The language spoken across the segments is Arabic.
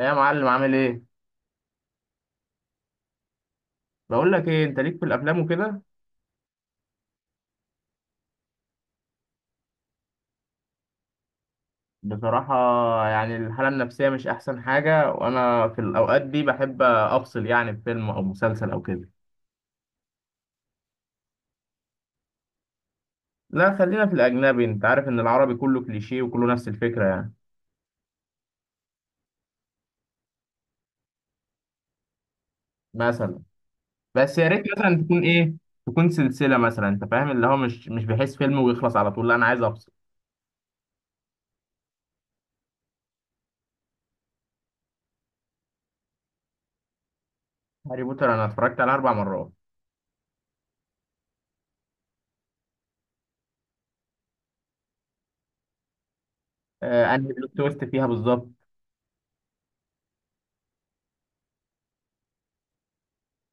إيه يا معلم، عامل ايه؟ بقول لك ايه، انت ليك في الافلام وكده؟ بصراحه، يعني الحاله النفسيه مش احسن حاجه، وانا في الاوقات دي بحب افصل يعني بفيلم او مسلسل او كده. لا خلينا في الاجنبي، انت عارف ان العربي كله كليشيه وكله نفس الفكره يعني. مثلا بس يا ريت مثلا تكون ايه، تكون سلسله مثلا، انت فاهم اللي هو مش بحس فيلم ويخلص على طول، لا انا عايز افصل. هاري بوتر انا اتفرجت على 4 مرات. آه، انهي بلوت تويست فيها بالظبط؟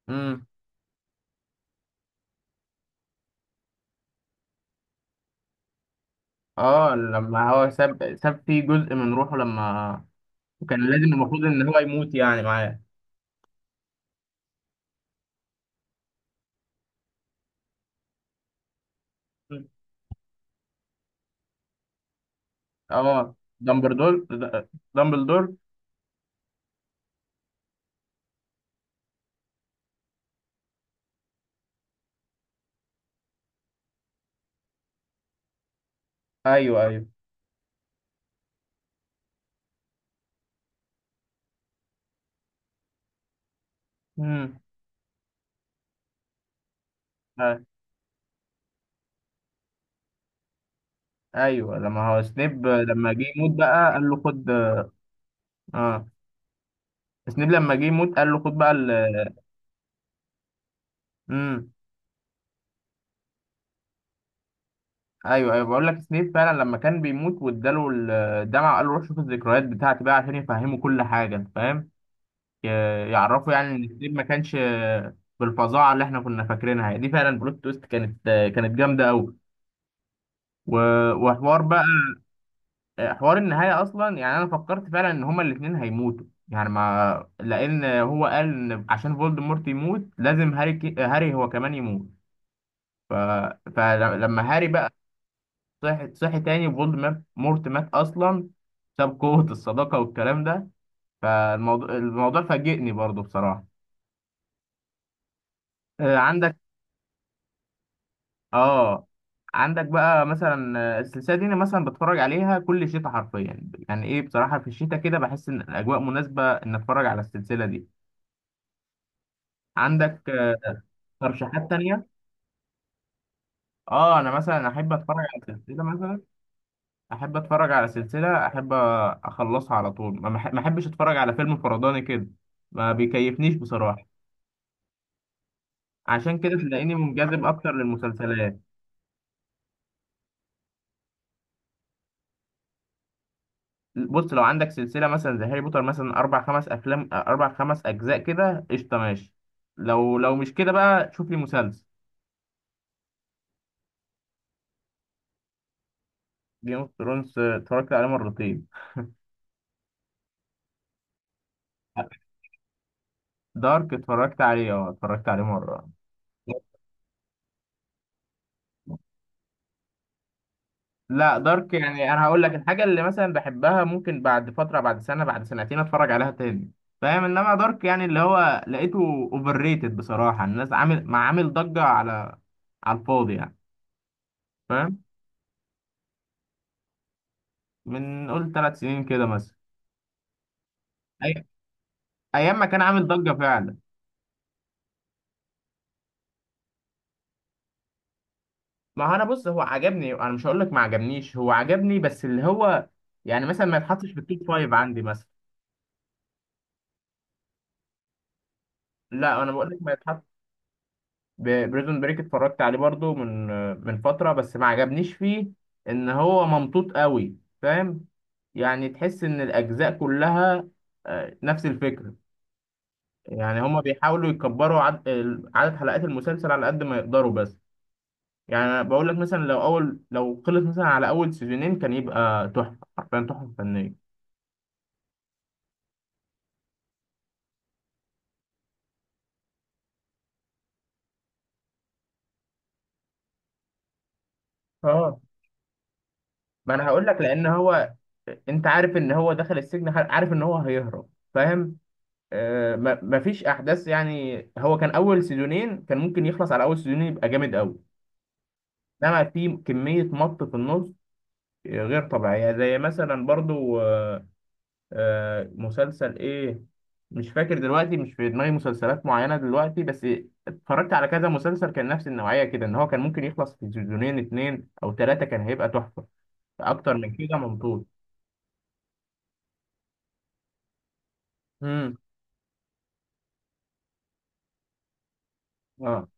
امم. اه، لما هو ساب فيه جزء من روحه لما، وكان لازم المفروض ان هو يموت يعني معاه. مم. اه، دامبلدور. د- دامبلدور. ايوه، ايوه. امم. ايوه، لما هو سنيب لما جه يموت بقى قال له خد. اه، سنيب لما جه يموت قال له خد بقى ال... امم. ايوه، ايوه، بقول لك سنيب فعلا لما كان بيموت واداله الدمعه وقال له روح شوف الذكريات بتاعتي بقى عشان يفهمه كل حاجه، انت فاهم، ي- يعرفه يعني ان سنيب ما كانش بالفظاعه اللي احنا كنا فاكرينها يعني. دي فعلا بلوت تويست كانت جامده قوي. وحوار بقى، حوار النهاية أصلا، يعني أنا فكرت فعلا إن هما الاتنين هيموتوا، يعني ما لأن هو قال إن عشان فولدمورت يموت لازم هاري هو كمان يموت. ف... فلما هاري بقى صحي تاني، فولدمورت مات أصلا، ساب قوة الصداقة والكلام ده. فالموضوع فاجئني برضو بصراحة. عندك آه عندك بقى مثلا السلسلة دي أنا مثلا بتفرج عليها كل شتاء حرفيا، يعني إيه بصراحة في الشتاء كده بحس إن الأجواء مناسبة إن أتفرج على السلسلة دي. عندك ترشيحات تانية؟ اه، انا مثلا احب اتفرج على سلسلة، احب اخلصها على طول. ما احبش اتفرج على فيلم فرداني كده، ما بيكيفنيش بصراحة. عشان كده تلاقيني منجذب اكتر للمسلسلات. بص، لو عندك سلسلة مثلا زي هاري بوتر مثلا اربع خمس افلام، اربع خمس اجزاء كده، قشطة ماشي. لو مش كده بقى شوف لي مسلسل. جيم اوف ثرونز اتفرجت عليه مرتين. دارك اتفرجت عليه، اه، اتفرجت عليه مرة. لا، دارك يعني انا هقول لك، الحاجه اللي مثلا بحبها ممكن بعد فتره، بعد سنه، بعد سنتين اتفرج عليها تاني، فاهم. انما دارك يعني، اللي هو لقيته اوفر ريتد بصراحه، الناس عامل ما عامل ضجه على الفاضي يعني، فاهم. من قول 3 سنين كده مثلا، أي... ايام ما كان عامل ضجه فعلا. ما هو انا بص، هو عجبني، انا مش هقول لك ما عجبنيش، هو عجبني بس اللي هو يعني مثلا ما يتحطش في التوب فايف عندي مثلا. لا انا بقول لك ما... بريزون بريك اتفرجت عليه برضو من فترة، بس ما عجبنيش فيه ان هو ممطوط قوي، فاهم. يعني تحس ان الاجزاء كلها نفس الفكرة، يعني هما بيحاولوا يكبروا عدد حلقات المسلسل على قد ما يقدروا بس. يعني انا بقول لك مثلا لو اول، لو خلص مثلا على اول سيزونين كان يبقى تحفة، حرفيا تحفة فنية. اه، ما انا هقول لك لان هو، انت عارف ان هو دخل السجن، عارف ان هو هيهرب، فاهم. ما مفيش احداث يعني. هو كان اول سيزونين، كان ممكن يخلص على اول سيزونين يبقى جامد قوي. انما في كميه مط في النص غير طبيعيه، زي مثلا برضو مسلسل ايه، مش فاكر دلوقتي، مش في دماغي مسلسلات معينه دلوقتي، بس اتفرجت على كذا مسلسل كان نفس النوعيه كده، ان هو كان ممكن يخلص في سيزونين اتنين او تلاته كان هيبقى تحفه، اكتر من كده ممطول. امم. اه،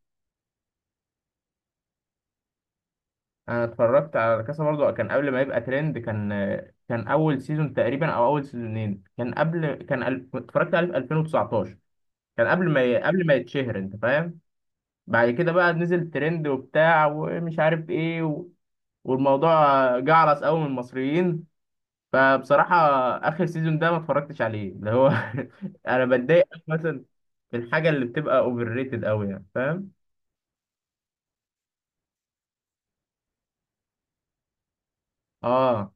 انا اتفرجت على كاسا برضو، كان قبل ما يبقى ترند. كان كان اول سيزون تقريبا او اول سيزونين، كان قبل، اتفرجت عليه في 2019، كان قبل ما ي... قبل ما يتشهر، انت فاهم. بعد كده بقى نزل ترند وبتاع ومش عارف ايه والموضوع جعرس قوي من المصريين. فبصراحة اخر سيزون ده ما اتفرجتش عليه، اللي هو، انا بتضايق أوي مثلا في الحاجة اللي بتبقى اوفر ريتد قوي يعني، فاهم. اه.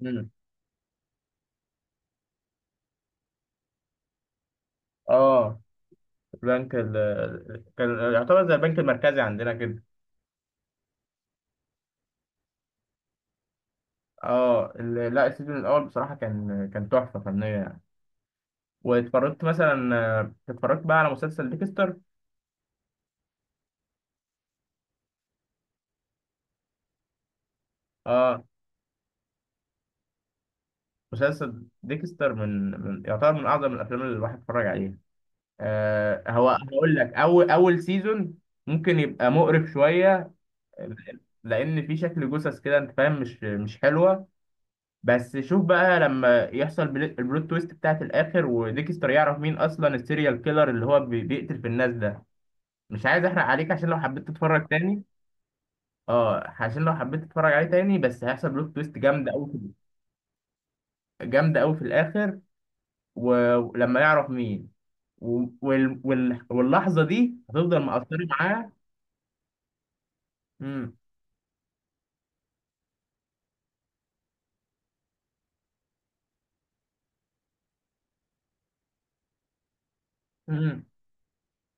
مم. اه، البنك كان يعتبر زي البنك المركزي عندنا كده. اه، لا السيزون الاول بصراحه كان، كان تحفه فنيه يعني. واتفرجت مثلا، اتفرجت بقى على مسلسل ديكستر. اه، مسلسل ديكستر من، من يعتبر من اعظم الافلام اللي الواحد اتفرج عليها. هو هقول لك، اول سيزون ممكن يبقى مقرف شويه، لان في شكل جثث كده، انت فاهم، مش حلوه. بس شوف بقى لما يحصل البلوت تويست بتاعت الاخر، وديكستر يعرف مين اصلا السيريال كيلر اللي هو بيقتل في الناس ده. مش عايز احرق عليك، عشان لو حبيت تتفرج تاني. اه، عشان لو حبيت تتفرج عليه تاني، بس هيحصل بلوت تويست جامده قوي، جامده قوي في الاخر. ولما يعرف مين، واللحظه دي هتفضل مأثره معاه. امم. امم،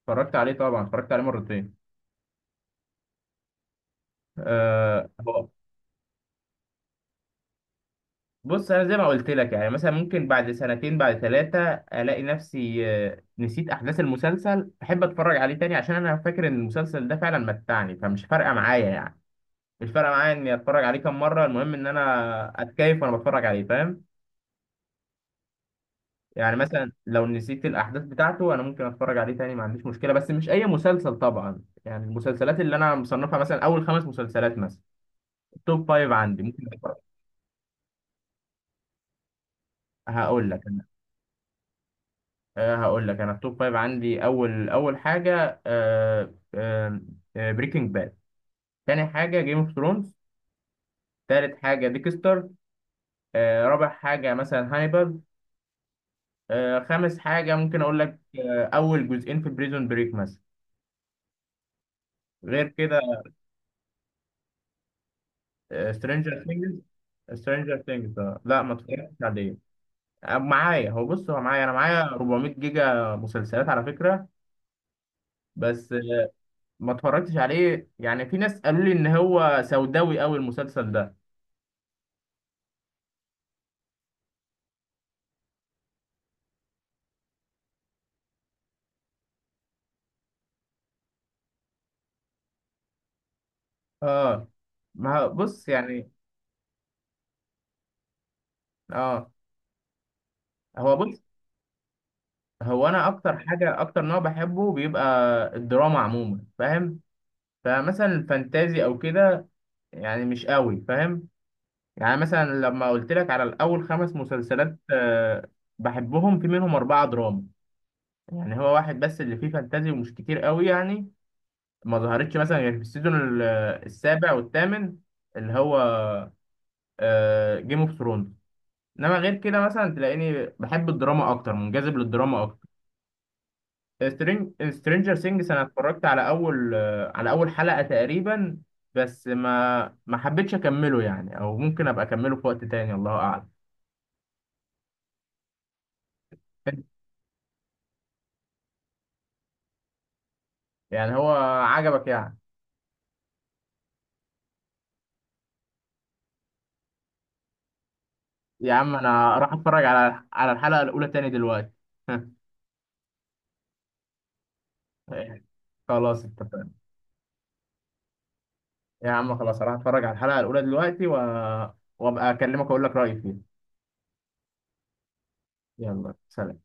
اتفرجت عليه طبعا، اتفرجت عليه مرتين. آه... بص، انا زي ما قلت لك، يعني مثلا ممكن بعد سنتين بعد ثلاثه الاقي نفسي نسيت احداث المسلسل، احب اتفرج عليه تاني، عشان انا فاكر ان المسلسل ده فعلا متعني، فمش فارقه معايا يعني. مش فارقه معايا اني اتفرج عليه كام مره، المهم ان انا اتكيف وانا بتفرج عليه، فاهم. يعني مثلا لو نسيت الاحداث بتاعته، انا ممكن اتفرج عليه تاني ما عنديش مشكله، بس مش اي مسلسل طبعا يعني، المسلسلات اللي انا مصنفها مثلا اول خمس مسلسلات مثلا، توب فايف عندي ممكن أتفرج. هقول لك. هقول لك، انا التوب فايف عندي، اول حاجه، أه أه بريكنج باد. تاني حاجه جيم اوف ثرونز. تالت حاجه ديكستر. رابع حاجه مثلا هانيبال. خامس حاجه ممكن اقول لك، اول جزئين في بريزون بريك مثلا. غير كده سترينجر ثينجز. سترينجر ثينجز؟ لا ما اتفرجتش عليه. آه، معايا هو بص هو معايا انا معايا 400 جيجا مسلسلات على فكره، بس ما اتفرجتش عليه، يعني في ناس قالوا لي ان هو سوداوي قوي المسلسل ده. اه. ما هو- بص يعني، اه، هو بص هو انا، اكتر نوع بحبه بيبقى الدراما عموما، فاهم. فمثلا الفانتازي او كده يعني مش قوي، فاهم. يعني مثلا لما قلت لك على الاول خمس مسلسلات بحبهم، في منهم اربعه دراما، يعني هو واحد بس اللي فيه فانتازي، ومش كتير قوي يعني، ما ظهرتش مثلا غير في السيزون السابع والثامن، اللي هو جيم اوف ثرونز. انما غير كده مثلا تلاقيني بحب الدراما اكتر، منجذب للدراما اكتر. سترينجر سينجز انا اتفرجت على اول آه، على اول حلقة تقريبا، بس ما حبيتش اكمله يعني، او ممكن ابقى اكمله في وقت تاني، الله اعلم. يعني هو عجبك يعني؟ يا عم انا راح اتفرج على الحلقة الاولى تاني دلوقتي. خلاص اتفقنا. يا عم خلاص، راح اتفرج على الحلقة الاولى دلوقتي وابقى اكلمك واقول لك رأيي فيها. يلا سلام.